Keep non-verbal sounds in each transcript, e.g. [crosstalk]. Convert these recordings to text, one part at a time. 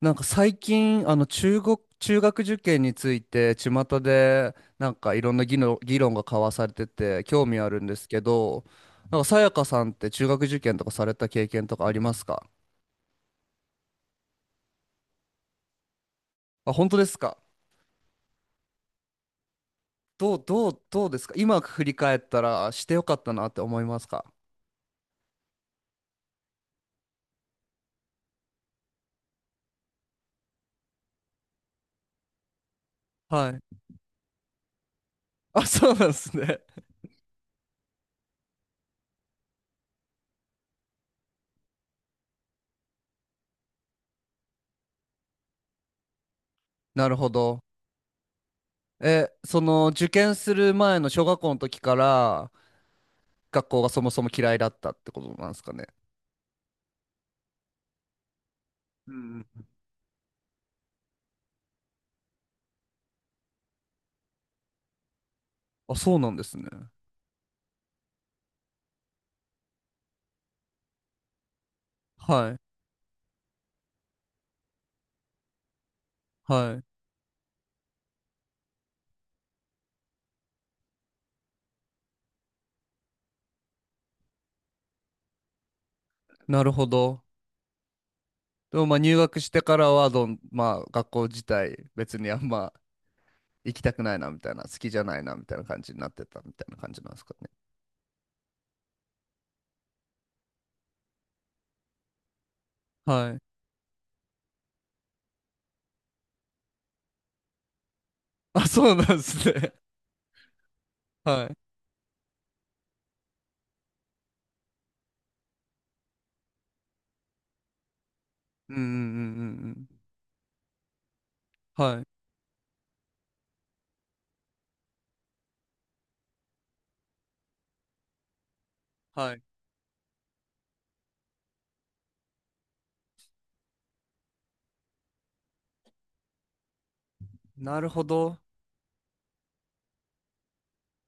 最近、中国、中学受験について、巷でいろんな議論が交わされてて、興味あるんですけど、なんかさやかさんって中学受験とかされた経験とかありますか？あ、本当ですか？どうですか今振り返ったらしてよかったなって思いますか？はい。あ、そうなんですね。なるほど。え、その受験する前の小学校の時から学校がそもそも嫌いだったってことなんですかね。うんうん。あ、そうなんですね。はい。はい。なるほど。でもまあ入学してからはまあ学校自体別にあんま行きたくないなみたいな、好きじゃないなみたいな感じになってたみたいな感じなんですかね。はい。[laughs] あ、そうなんですね。[laughs] はい。うんうんうんうんうん。はい。はい。なるほど。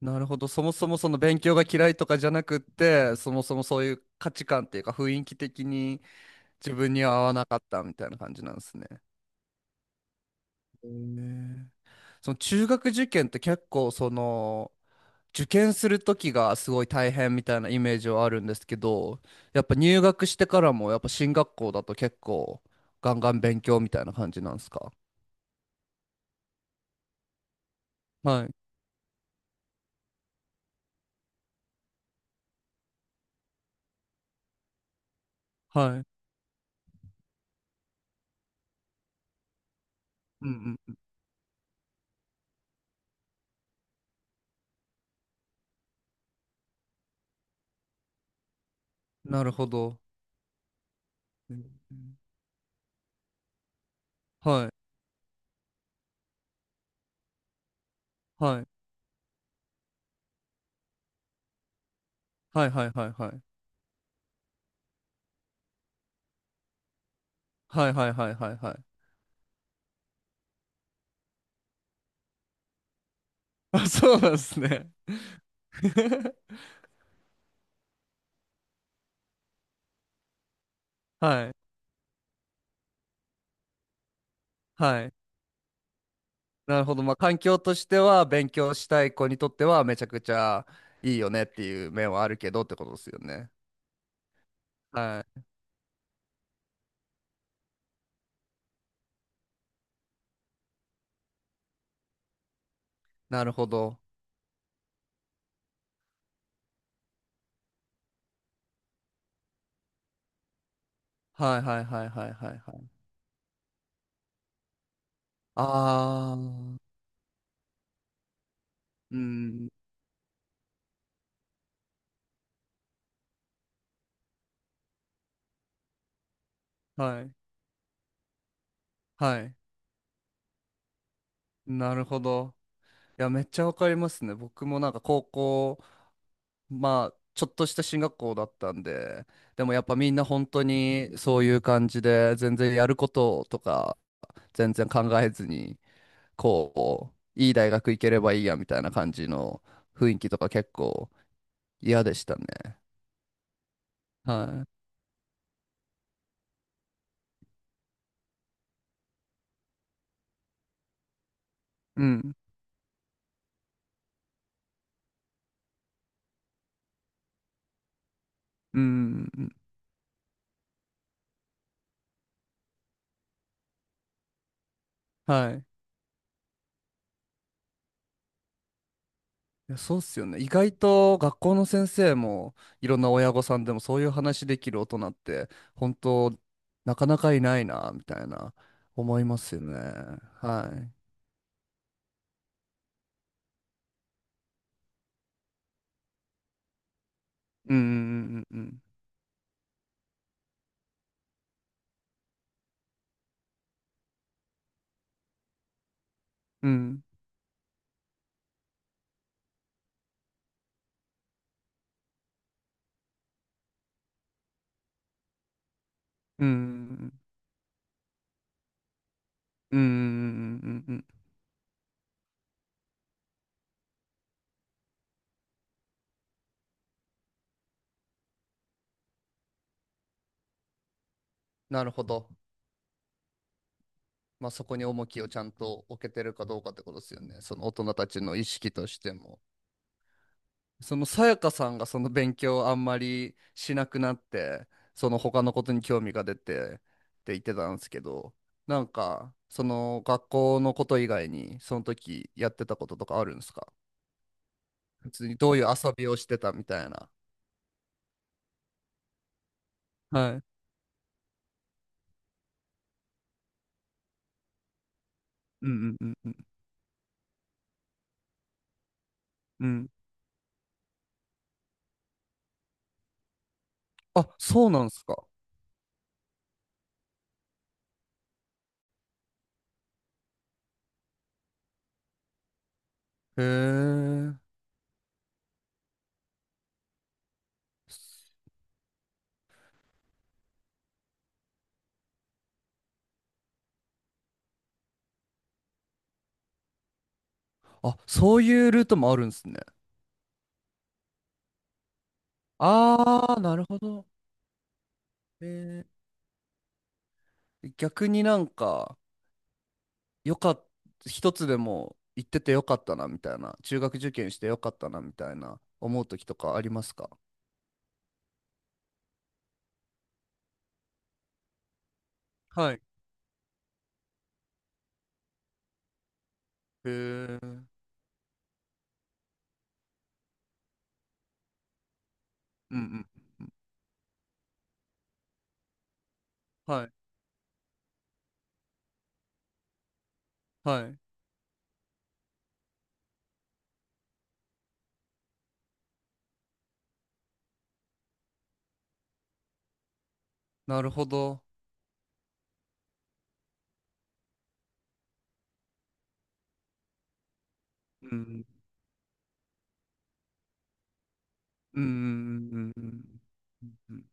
なるほど。そもそもその勉強が嫌いとかじゃなくって、そもそもそういう価値観っていうか雰囲気的に自分には合わなかったみたいな感じなんですね。へえ。その中学受験って結構その、受験する時がすごい大変みたいなイメージはあるんですけど、やっぱ入学してからもやっぱ進学校だと結構ガンガン勉強みたいな感じなんですか？はい、はい。うんうん。なるほど。うん。はい、はい、はいはいはいはい。はいはいはいはいはい。あ、そうなんですね。[laughs] はい、はい。なるほど。まあ環境としては勉強したい子にとってはめちゃくちゃいいよねっていう面はあるけどってことですよね。はい。なるほど。はいはいはいはいはいはい。あー、うん、はい、はい。なるほど。いや、めっちゃわかりますね。僕も高校、まあ、ちょっとした進学校だったんで、でもやっぱみんな本当にそういう感じで、全然やることとか、全然考えずに、こいい大学行ければいいやみたいな感じの雰囲気とか結構嫌でしたね。はい。うん、うん、うん。はい。いや、そうっすよね。意外と学校の先生もいろんな親御さんでもそういう話できる大人って本当なかなかいないなみたいな思いますよね。はい。うんうんうんうんうんうんうんうんうんうんうんうんうん。なるほど。まあそこに重きをちゃんと置けてるかどうかってことですよね。その大人たちの意識としても。そのさやかさんがその勉強をあんまりしなくなって、その他のことに興味が出てって言ってたんですけど、なんかその学校のこと以外にその時やってたこととかあるんですか？普通にどういう遊びをしてたみたいな。はい。うんうんうんうんうん。あ、そうなんですか？へえ。あ、そういうルートもあるんですね。ああ、なるほど。へえ。逆によかっ一つでも行っててよかったなみたいな、中学受験してよかったなみたいな思う時とかありますか？はい。へえ。うんうん。はい。はい。なるほど。うん。うんうんうんうんうん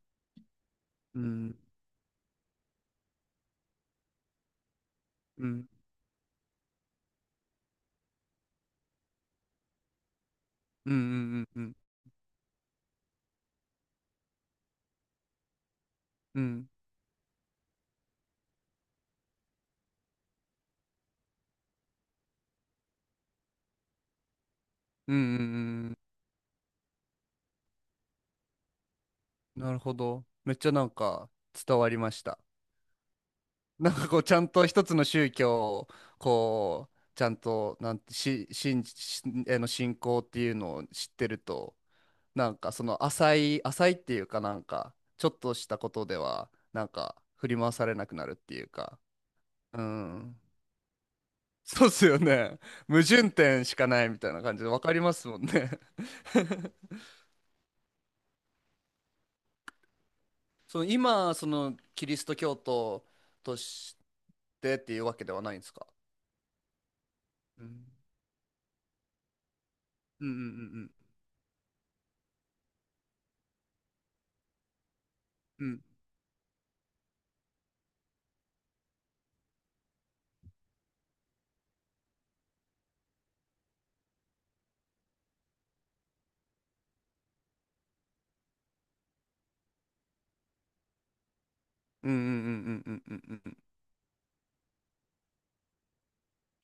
うんうんうんうんうんうんうんうんうんうんうんうん。なるほど。めっちゃ伝わりました。なんかこうちゃんと一つの宗教をこうちゃんとなんてし信じしへの信仰っていうのを知ってるとその浅いっていうかちょっとしたことではなんか振り回されなくなるっていうか。うん。そうっすよね。矛盾点しかないみたいな感じで分かりますもんね。 [laughs] その今そのキリスト教徒としてっていうわけではないんですか？うんうんうんうんうんうんうんうんうんうんうんうん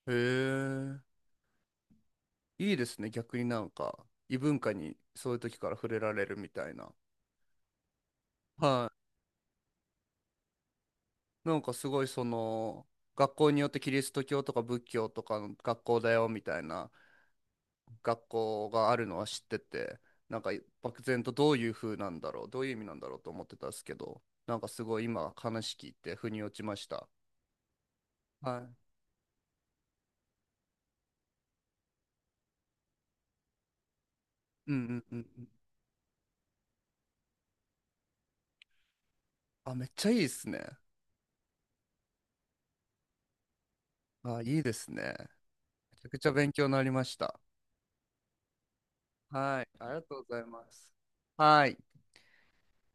うん。へえ。いいですね。逆に異文化にそういう時から触れられるみたいな。はい。なんかすごいその、学校によってキリスト教とか仏教とかの学校だよみたいな学校があるのは知ってて、なんか漠然とどういう風なんだろう、どういう意味なんだろうと思ってたんですけど、なんかすごい今話聞いて腑に落ちました。はい。うんうんうんうん。あ、めっちゃいいですね。あ、いいですね。めちゃくちゃ勉強になりました。はい、ありがとうございます。はい。